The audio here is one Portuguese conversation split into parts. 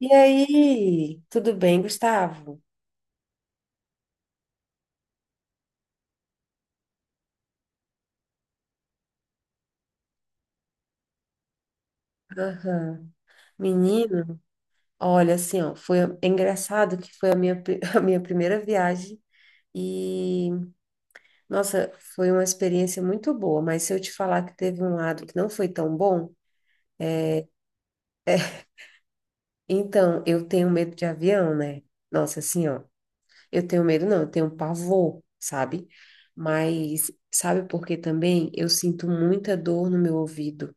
E aí, tudo bem, Gustavo? Aham. Menino, olha assim, ó, foi é engraçado que foi a minha, a minha primeira viagem e, nossa, foi uma experiência muito boa, mas se eu te falar que teve um lado que não foi tão bom, então eu tenho medo de avião, né? Nossa, assim, ó, eu tenho medo não, eu tenho pavor, sabe? Mas sabe por que também? Eu sinto muita dor no meu ouvido.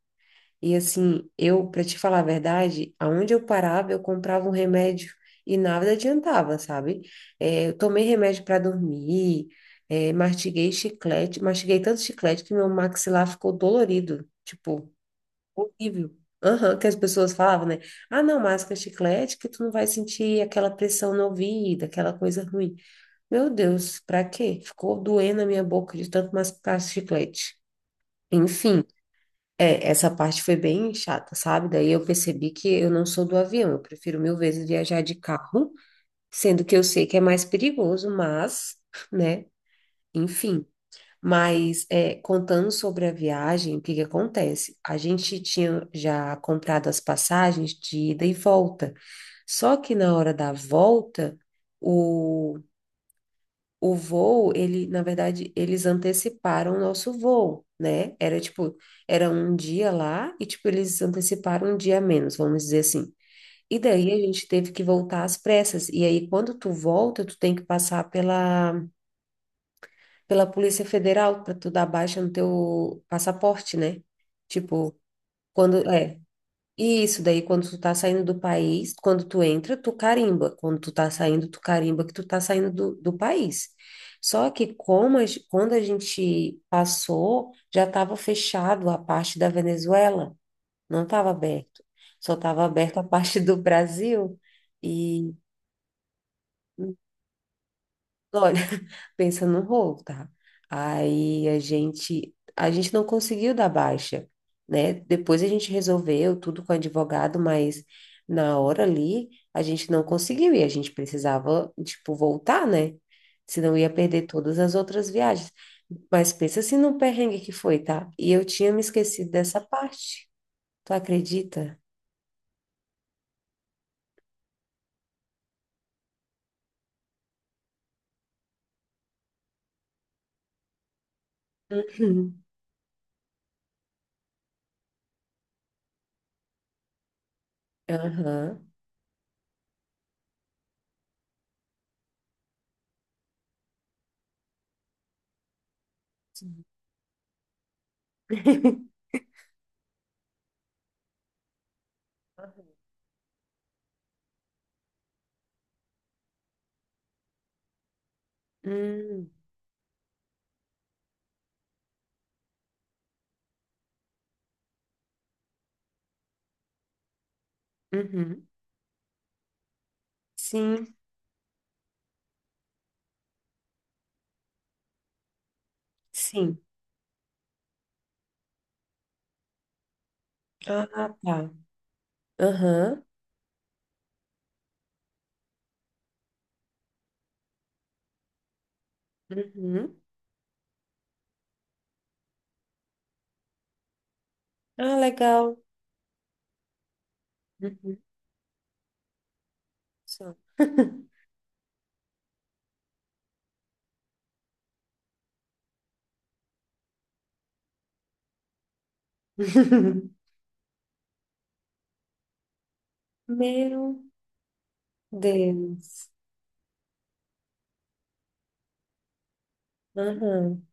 E assim, eu, para te falar a verdade, aonde eu parava, eu comprava um remédio e nada adiantava, sabe? É, eu tomei remédio para dormir, é, mastiguei chiclete, mastiguei tanto chiclete que meu maxilar ficou dolorido, tipo, horrível. Aham, que as pessoas falavam, né? Ah, não, masca chiclete que tu não vai sentir aquela pressão no ouvido, aquela coisa ruim. Meu Deus, pra quê? Ficou doendo a minha boca de tanto mascar chiclete. Enfim. É, essa parte foi bem chata, sabe? Daí eu percebi que eu não sou do avião, eu prefiro mil vezes viajar de carro, sendo que eu sei que é mais perigoso, mas, né, enfim. Mas é, contando sobre a viagem, o que que acontece? A gente tinha já comprado as passagens de ida e volta, só que na hora da volta, o o voo, ele, na verdade, eles anteciparam o nosso voo, né? Era tipo, era um dia lá e tipo eles anteciparam um dia a menos, vamos dizer assim. E daí a gente teve que voltar às pressas. E aí quando tu volta, tu tem que passar pela Polícia Federal para tu dar baixa no teu passaporte, né? Tipo, quando é, e isso daí, quando tu tá saindo do país, quando tu entra, tu carimba. Quando tu tá saindo, tu carimba que tu tá saindo do país. Só que como quando a gente passou, já estava fechado a parte da Venezuela, não estava aberto. Só estava aberto a parte do Brasil. Olha, pensa no rolo, tá? Aí a gente não conseguiu dar baixa, né? Depois a gente resolveu tudo com o advogado, mas na hora ali a gente não conseguiu e a gente precisava, tipo, voltar, né? Senão ia perder todas as outras viagens. Mas pensa assim no perrengue que foi, tá? E eu tinha me esquecido dessa parte. Tu acredita? Uhum. Aham. Sim. Uhum. Uhum. Sim, sim. Ah, tá. Aham. Uhum. Ah, legal. Uhum. Só. Meu Deus. Aham.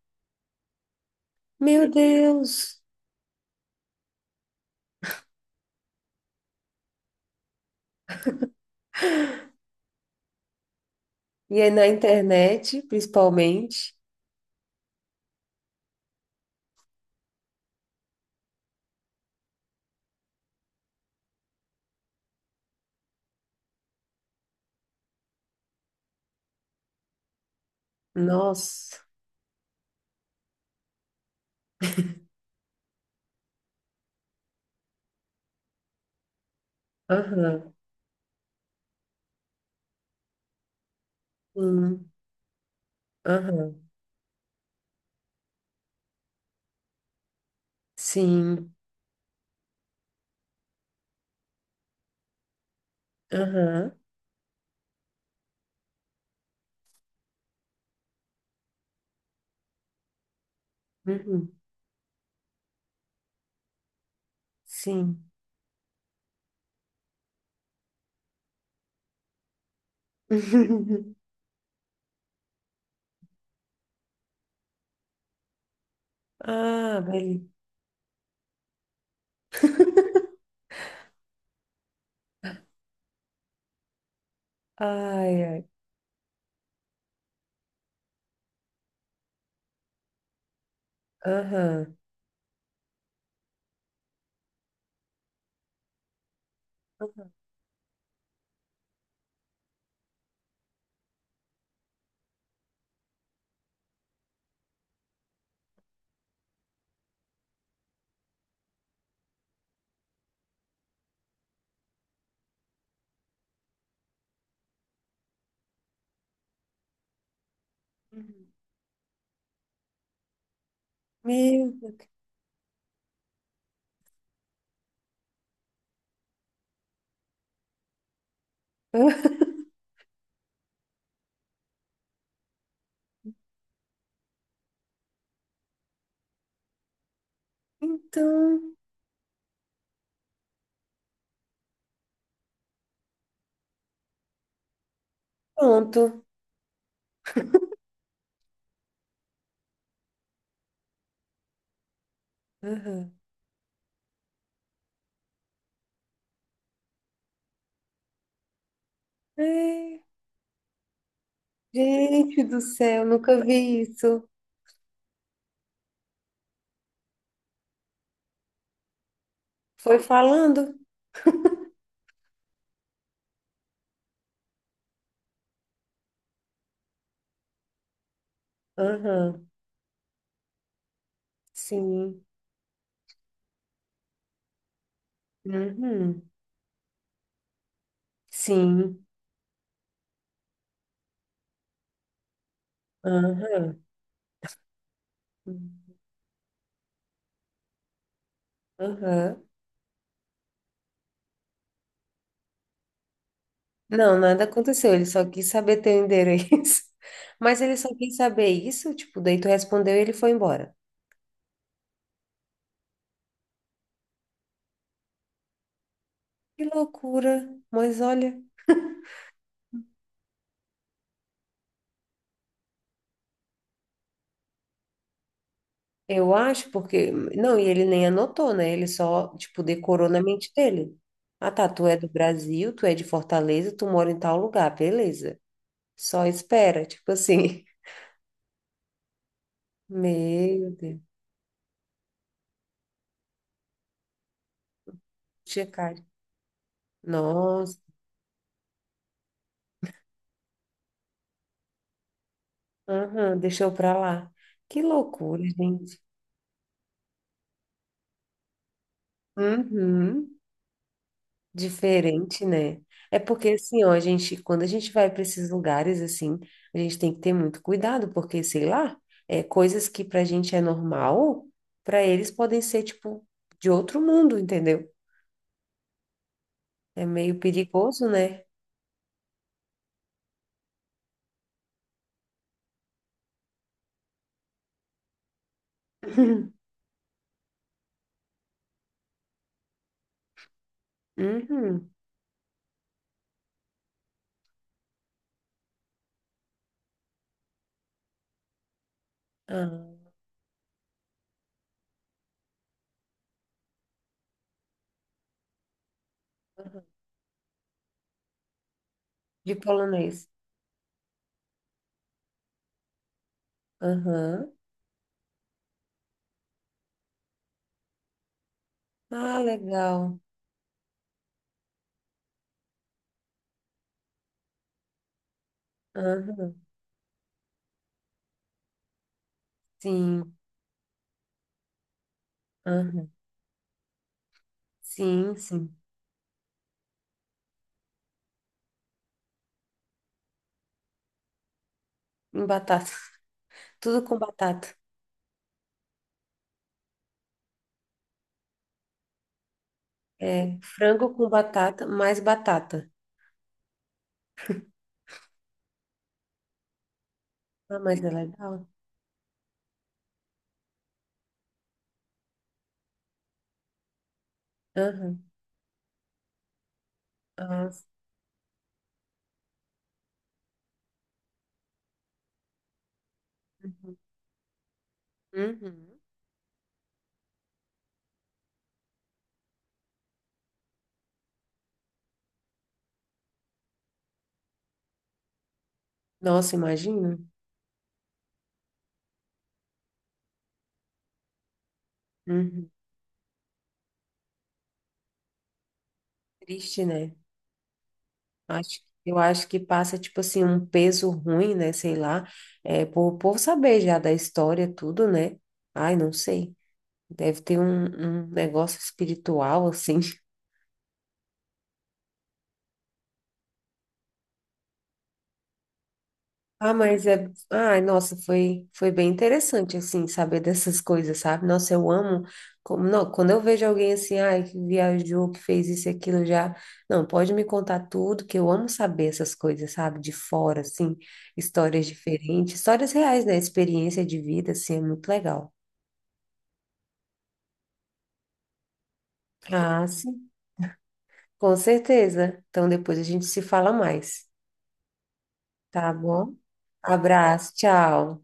Meu Deus. E aí na internet, principalmente. Nossa. Aham. Sim. Aham. Sim. Aham. Uhum. Sim. Ah, beleza. Ai, ai. Aham. Uhum. Meu Deus. Então, pronto. Aham. É, gente do céu, nunca vi isso. Foi falando? Aham. Sim. Uhum. Sim. Aham. Aham. Não, nada aconteceu. Ele só quis saber teu endereço. Mas ele só quis saber isso, tipo, daí tu respondeu e ele foi embora. Que loucura. Mas olha. Eu acho porque. Não, e ele nem anotou, né? Ele só, tipo, decorou na mente dele. Ah, tá, tu é do Brasil, tu é de Fortaleza, tu mora em tal lugar, beleza. Só espera, tipo assim. Meu Deus, tinha cara. Nossa, aham, deixou pra lá. Que loucura, gente. Uhum. Diferente, né? É porque assim, ó, a gente, quando a gente vai para esses lugares assim, a gente tem que ter muito cuidado, porque sei lá, é coisas que pra gente é normal, pra eles podem ser tipo de outro mundo, entendeu? É meio perigoso, né? Uhum. Ah, aham. De polonês. Aham. Ah, legal. Aham. Sim. Aham. Sim, sim. Em batata. Tudo com batata. É frango com batata, mais batata. Ah, mas é legal. Aham. Ah, uhum. Uhum. Nossa, imagina. Uhum. Triste, né? Acho, eu acho que passa, tipo assim, um peso ruim, né? Sei lá. É, por saber já da história, tudo, né? Ai, não sei. Deve ter um negócio espiritual, assim. Ah, mas é. Ai, nossa, foi bem interessante, assim, saber dessas coisas, sabe? Nossa, eu amo. Como, não, quando eu vejo alguém assim, ai, que viajou, que fez isso e aquilo já. Não, pode me contar tudo, que eu amo saber essas coisas, sabe? De fora, assim, histórias diferentes, histórias reais, né? Experiência de vida, assim, é muito legal. Ah, sim, com certeza. Então depois a gente se fala mais, tá bom? Abraço, tchau.